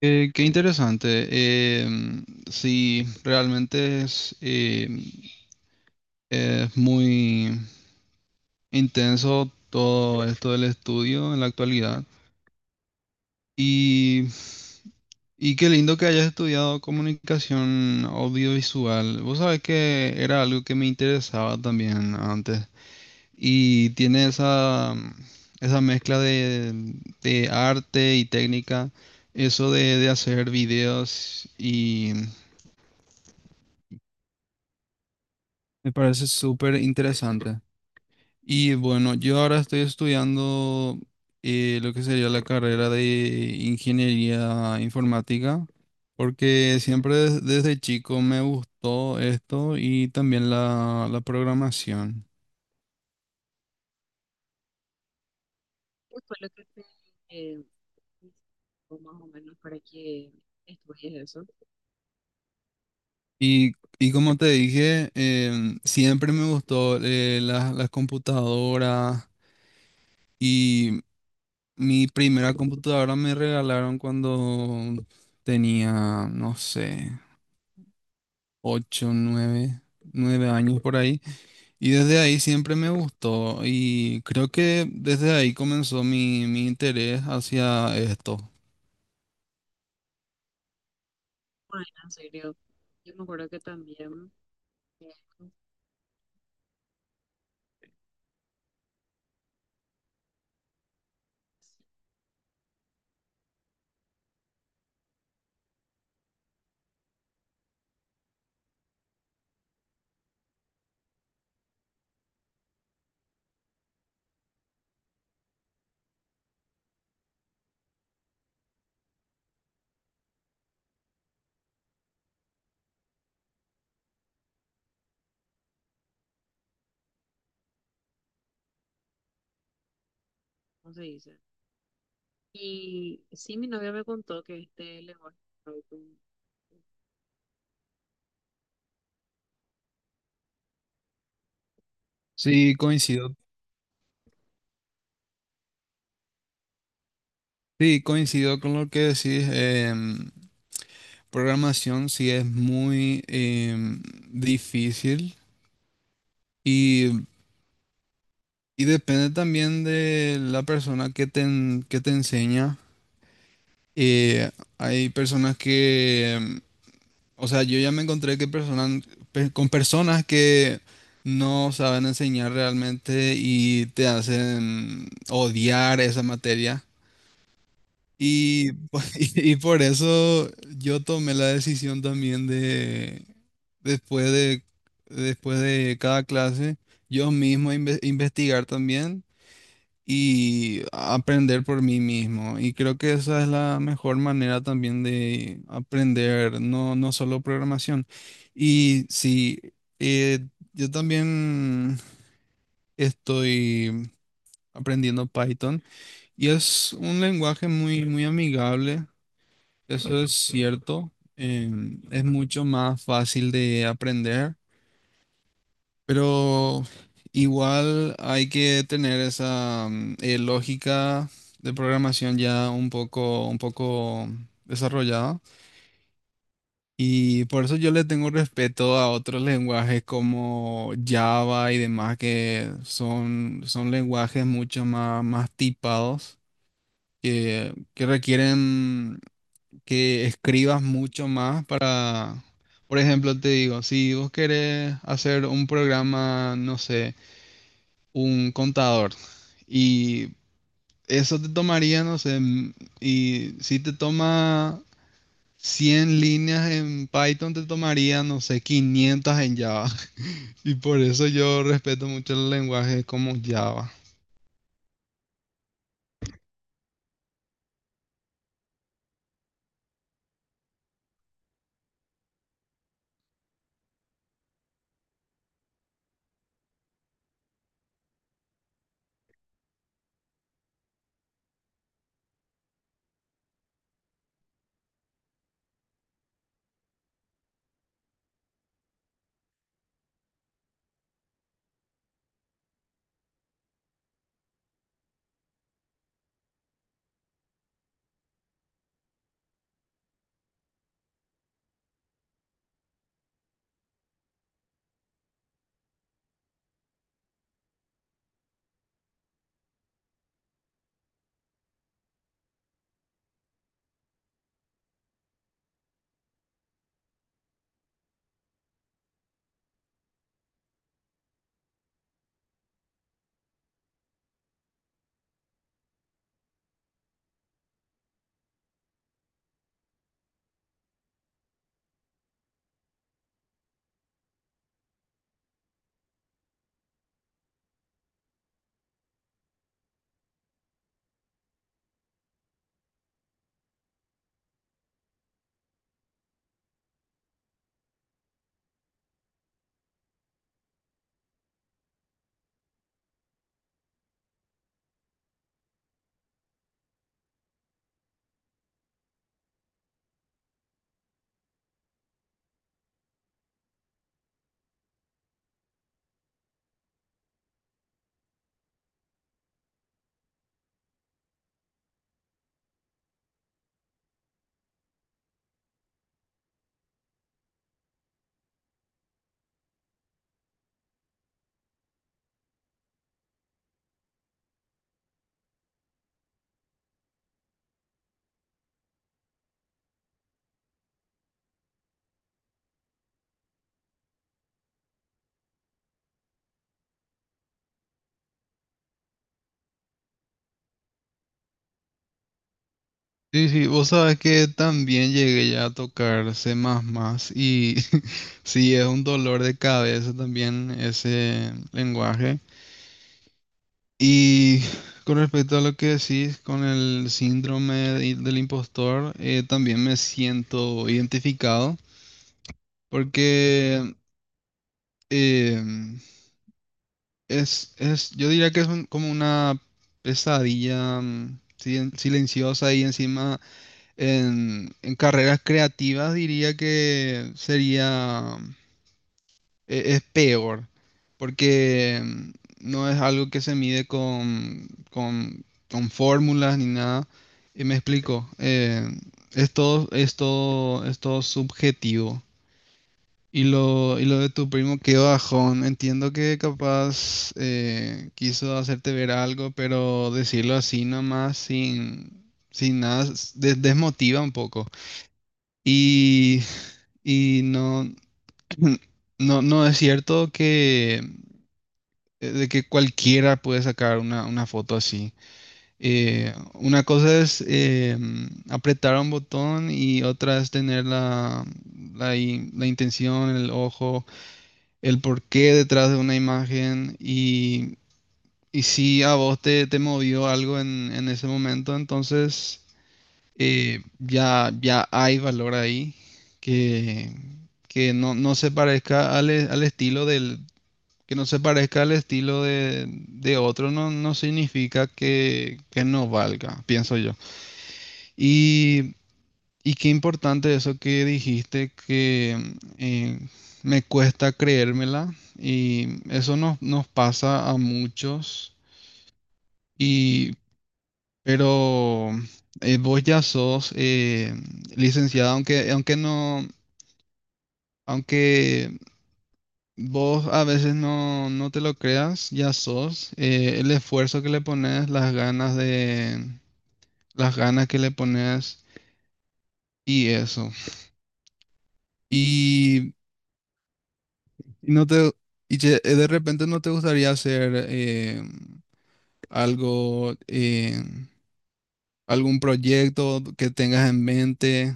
Qué interesante. Em, sí, realmente es es muy intenso todo esto del estudio en la actualidad. Y, y qué lindo que hayas estudiado comunicación audiovisual. Vos sabés que era algo que me interesaba también antes. Y tiene esa mezcla de arte y técnica, eso de hacer videos. Me parece súper interesante. Y bueno, yo ahora estoy estudiando lo que sería la carrera de ingeniería informática, porque siempre desde chico me gustó esto y también la programación. Y, y como te dije, siempre me gustó, las computadoras y mi primera computadora me regalaron cuando tenía, no sé, 8, 9 años por ahí. Y desde ahí siempre me gustó y creo que desde ahí comenzó mi interés hacia esto. Sí, coincido. Sí, coincido con lo que decís. Programación sí es muy, difícil, y, y depende también de la persona que que te enseña. Eh, Hay personas que, o sea, yo ya me encontré que con personas que no saben enseñar realmente y te hacen odiar esa materia. Y, po- y por eso yo tomé la decisión también después después de cada clase, yo mismo investigar también y aprender por mí mismo. Y creo que esa es la mejor manera también de aprender, no, no solo programación. Y sí, eh, yo también estoy aprendiendo Python, y es un lenguaje muy, muy amigable, eso es cierto. Es mucho más fácil de aprender. Pero igual hay que tener esa lógica de programación ya un poco desarrollada. Y por eso yo le tengo respeto a otros lenguajes como Java y demás, que son, son lenguajes mucho más, más tipados, que requieren que escribas mucho más para, por ejemplo, te digo, si vos querés hacer un programa, no sé, un contador. Y eso te tomaría, no sé, y si te toma 100 líneas en Python, te tomaría, no sé, 500 en Java. Y por eso yo respeto mucho el lenguaje como Java. Sí, sí, vos sabes que también llegué ya a tocar C++, y sí, es un dolor de cabeza también ese lenguaje. Y con respecto a lo que decís con el síndrome del impostor, también me siento identificado porque, eh, yo diría que es como una pesadilla silenciosa y encima en carreras creativas diría que sería es peor, porque, no es algo que se mide con, con fórmulas ni nada. Y me explico, es todo, es todo subjetivo. Y lo de tu primo, qué bajón. Entiendo que capaz, quiso hacerte ver algo, pero decirlo así nomás, sin, sin nada, desmotiva un poco. Y, y no, no, no es cierto que, de que cualquiera puede sacar una foto así. Una cosa es, apretar un botón y otra es tener la intención, el ojo, el porqué detrás de una imagen y si a vos te movió algo en ese momento, entonces, ya hay valor ahí que, que no, no se parezca al estilo que no se parezca al estilo de otro, no, no significa que no valga, pienso yo. Y, y qué importante eso que dijiste, que, eh, me cuesta creérmela, y eso nos, nos pasa a muchos, y, pero, vos ya sos, licenciada, aunque, aunque no... Aunque vos a veces no, no te lo creas, ya sos. El esfuerzo que le pones, las ganas las ganas que le pones y eso. Y, y no te, y che, de repente no te gustaría hacer, algo, eh, algún proyecto que tengas en mente.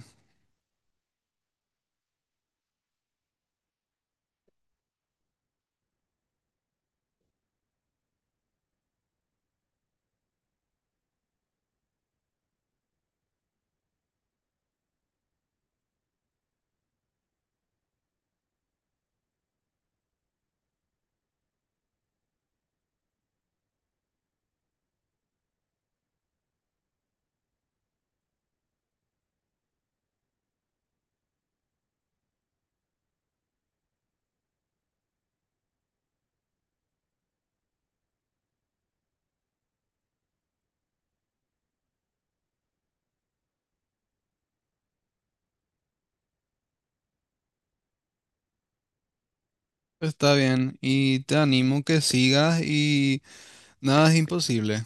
Está bien. Y te animo que sigas, y nada es imposible.